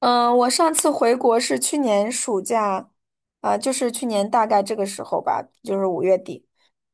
嗯，我上次回国是去年暑假，就是去年大概这个时候吧，就是五月底。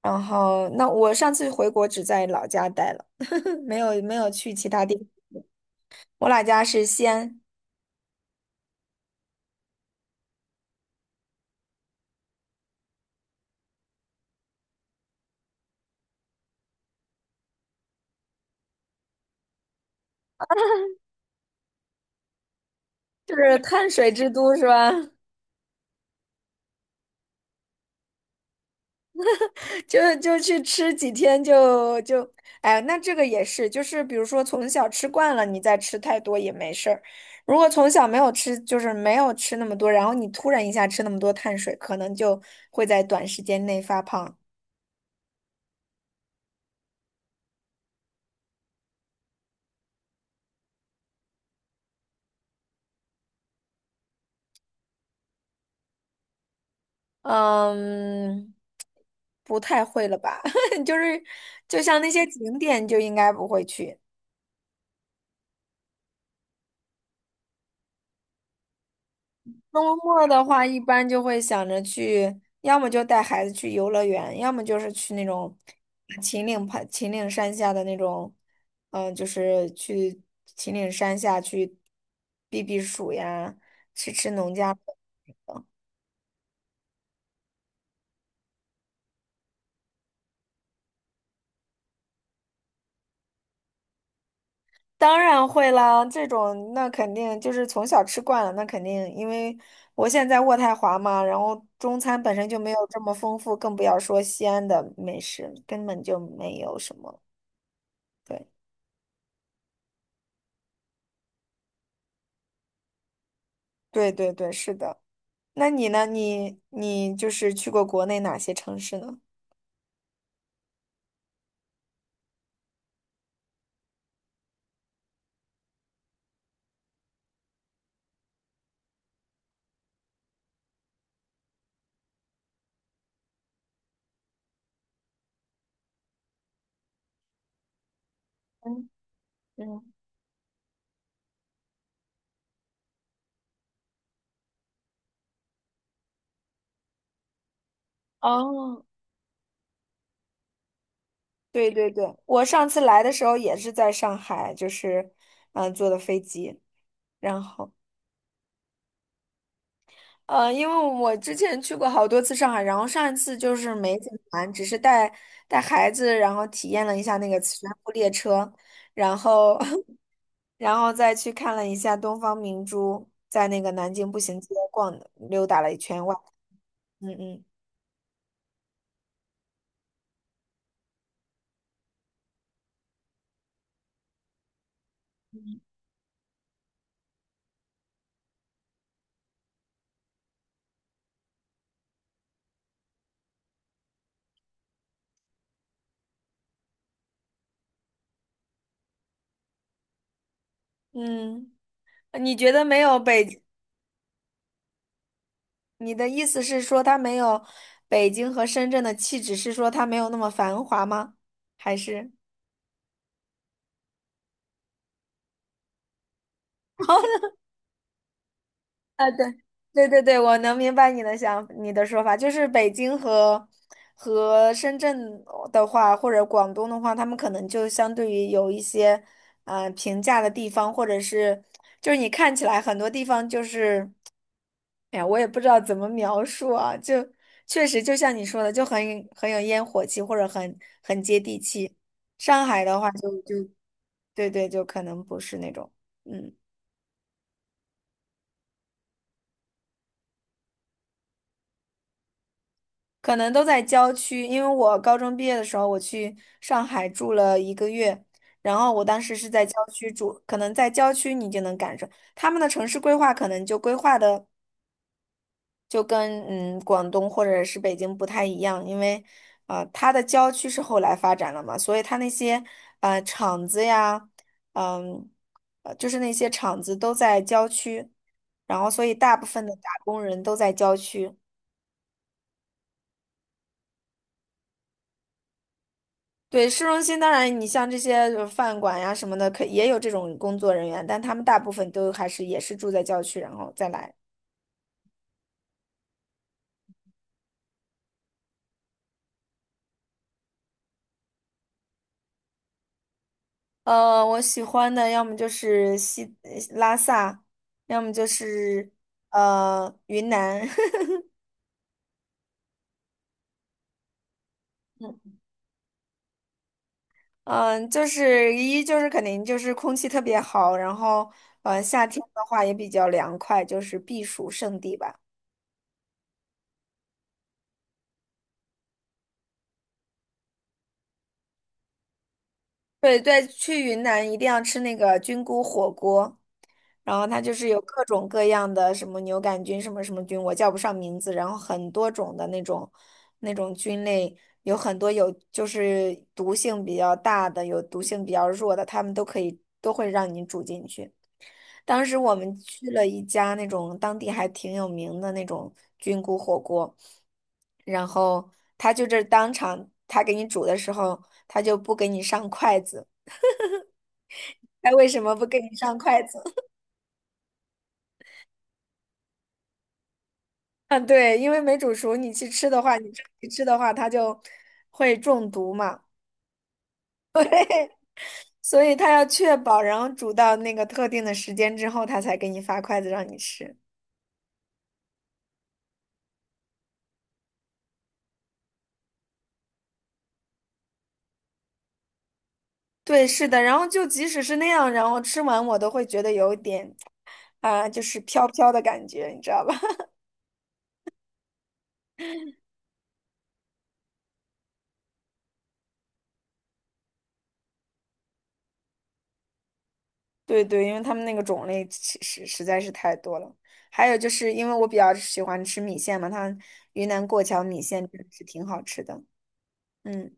然后，那我上次回国只在老家待了，没有去其他地。我老家是西安，就是碳水之都，是吧？就去吃几天就，哎，那这个也是，就是比如说从小吃惯了，你再吃太多也没事儿。如果从小没有吃，就是没有吃那么多，然后你突然一下吃那么多碳水，可能就会在短时间内发胖。嗯，不太会了吧？就是就像那些景点就应该不会去。周末的话，一般就会想着去，要么就带孩子去游乐园，要么就是去那种秦岭盘、秦岭山下的那种，就是去秦岭山下去避避暑呀，吃吃农家。当然会啦，这种那肯定就是从小吃惯了，那肯定，因为我现在在渥太华嘛，然后中餐本身就没有这么丰富，更不要说西安的美食，根本就没有什么。对，对对对，是的。那你呢？你就是去过国内哪些城市呢？嗯嗯，哦，对对对，我上次来的时候也是在上海，就是坐的飞机，然后因为我之前去过好多次上海，然后上一次就是没怎么玩，只是带带孩子，然后体验了一下那个磁悬浮列车，然后 然后再去看了一下东方明珠，在那个南京步行街逛溜达了一圈外，嗯嗯嗯。你觉得没有北，你的意思是说它没有北京和深圳的气质，是说它没有那么繁华吗？还是？啊，对，对对对，我能明白你的想，你的说法，就是北京和和深圳的话，或者广东的话，他们可能就相对于有一些，平价的地方，或者是就是你看起来很多地方就是。哎呀，我也不知道怎么描述啊，就确实就像你说的，就很有烟火气，或者很接地气。上海的话就，就对对，就可能不是那种，嗯，可能都在郊区。因为我高中毕业的时候，我去上海住了一个月，然后我当时是在郊区住，可能在郊区你就能感受他们的城市规划，可能就规划的。就跟嗯广东或者是北京不太一样，因为它的郊区是后来发展了嘛，所以它那些厂子呀，嗯，就是那些厂子都在郊区，然后所以大部分的打工人都在郊区。对，市中心当然，你像这些饭馆呀什么的，可也有这种工作人员，但他们大部分都还是也是住在郊区，然后再来。我喜欢的要么就是拉萨，要么就是云南。嗯，就是一就是肯定就是空气特别好，然后夏天的话也比较凉快，就是避暑胜地吧。对对，去云南一定要吃那个菌菇火锅，然后它就是有各种各样的什么牛杆菌、什么什么菌，我叫不上名字，然后很多种的那种菌类，有很多有就是毒性比较大的，有毒性比较弱的，它们都可以都会让你煮进去。当时我们去了一家那种当地还挺有名的那种菌菇火锅，然后他当场他给你煮的时候，他就不给你上筷子。他为什么不给你上筷子？嗯，对，因为没煮熟，你去吃的话，你长期吃的话，它就会中毒嘛。对，所以他要确保，然后煮到那个特定的时间之后，他才给你发筷子让你吃。对，是的，然后就即使是那样，然后吃完我都会觉得有一点就是飘飘的感觉，你知道吧？对对，因为他们那个种类其实实在是太多了。还有就是因为我比较喜欢吃米线嘛，它云南过桥米线真的是挺好吃的。嗯。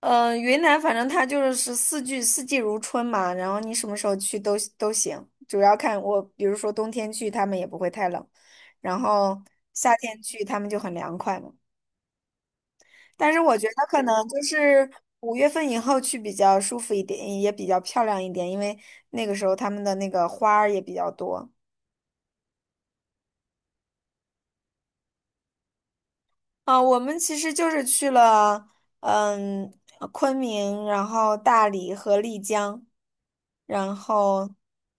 云南反正它就是四季四季如春嘛，然后你什么时候去都行，主要看我，比如说冬天去，他们也不会太冷，然后夏天去，他们就很凉快嘛。但是我觉得可能就是五月份以后去比较舒服一点，也比较漂亮一点，因为那个时候他们的那个花儿也比较多。啊，我们其实就是去了，嗯，昆明，然后大理和丽江，然后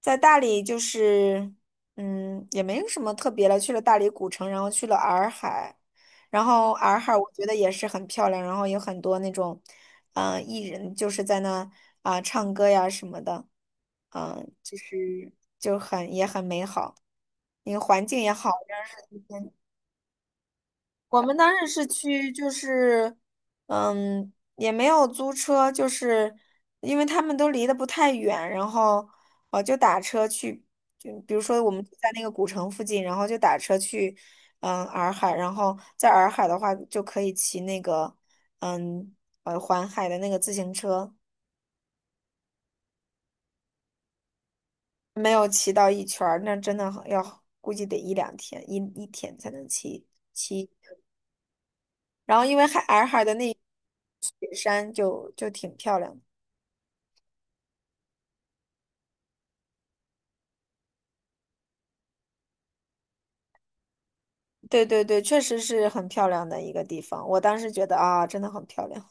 在大理就是，嗯，也没有什么特别了，去了大理古城，然后去了洱海，然后洱海我觉得也是很漂亮，然后有很多那种，艺人就是在那唱歌呀什么的，就是就很也很美好，那个环境也好。我们当时是去，就是，嗯，也没有租车，就是因为他们都离得不太远，然后就打车去，就比如说我们住在那个古城附近，然后就打车去，嗯，洱海，然后在洱海的话就可以骑那个，嗯，环海的那个自行车，没有骑到一圈儿，那真的很要估计得一两天，一天才能骑。然后因为海洱海的那一雪山就就挺漂亮的。对对对，确实是很漂亮的一个地方。我当时觉得啊，真的很漂亮。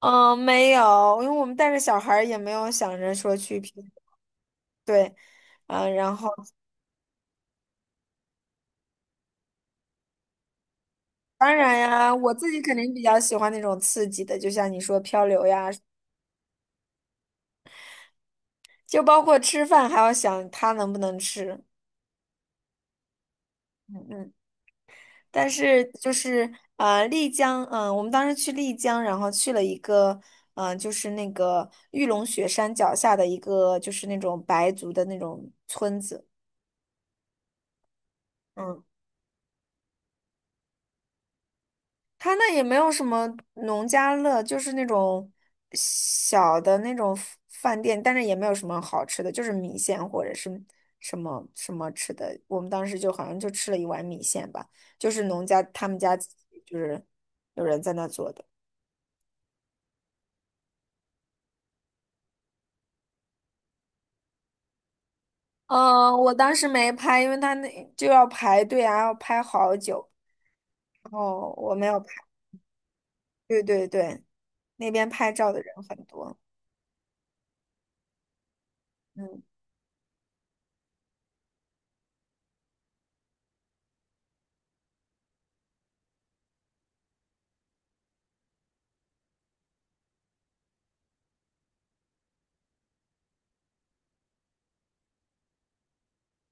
嗯，没有，因为我们带着小孩儿也没有想着说去偏，对，嗯，然后当然呀，我自己肯定比较喜欢那种刺激的，就像你说漂流呀，就包括吃饭还要想他能不能吃，嗯嗯。但是就是啊，丽江，我们当时去丽江，然后去了一个，就是那个玉龙雪山脚下的一个，就是那种白族的那种村子，嗯，他那也没有什么农家乐，就是那种小的那种饭店，但是也没有什么好吃的，就是米线或者是什么什么吃的，我们当时就好像就吃了一碗米线吧，就是农家他们家自己就是有人在那做的。嗯，我当时没拍，因为他那就要排队啊，要拍好久。然后我没有拍。对对对，那边拍照的人很多。嗯，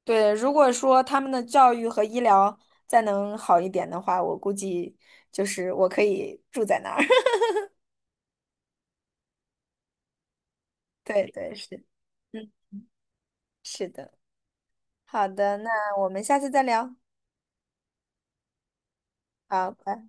对，如果说他们的教育和医疗再能好一点的话，我估计就是我可以住在那儿。对对，是，嗯，是的。好的，那我们下次再聊。好，拜。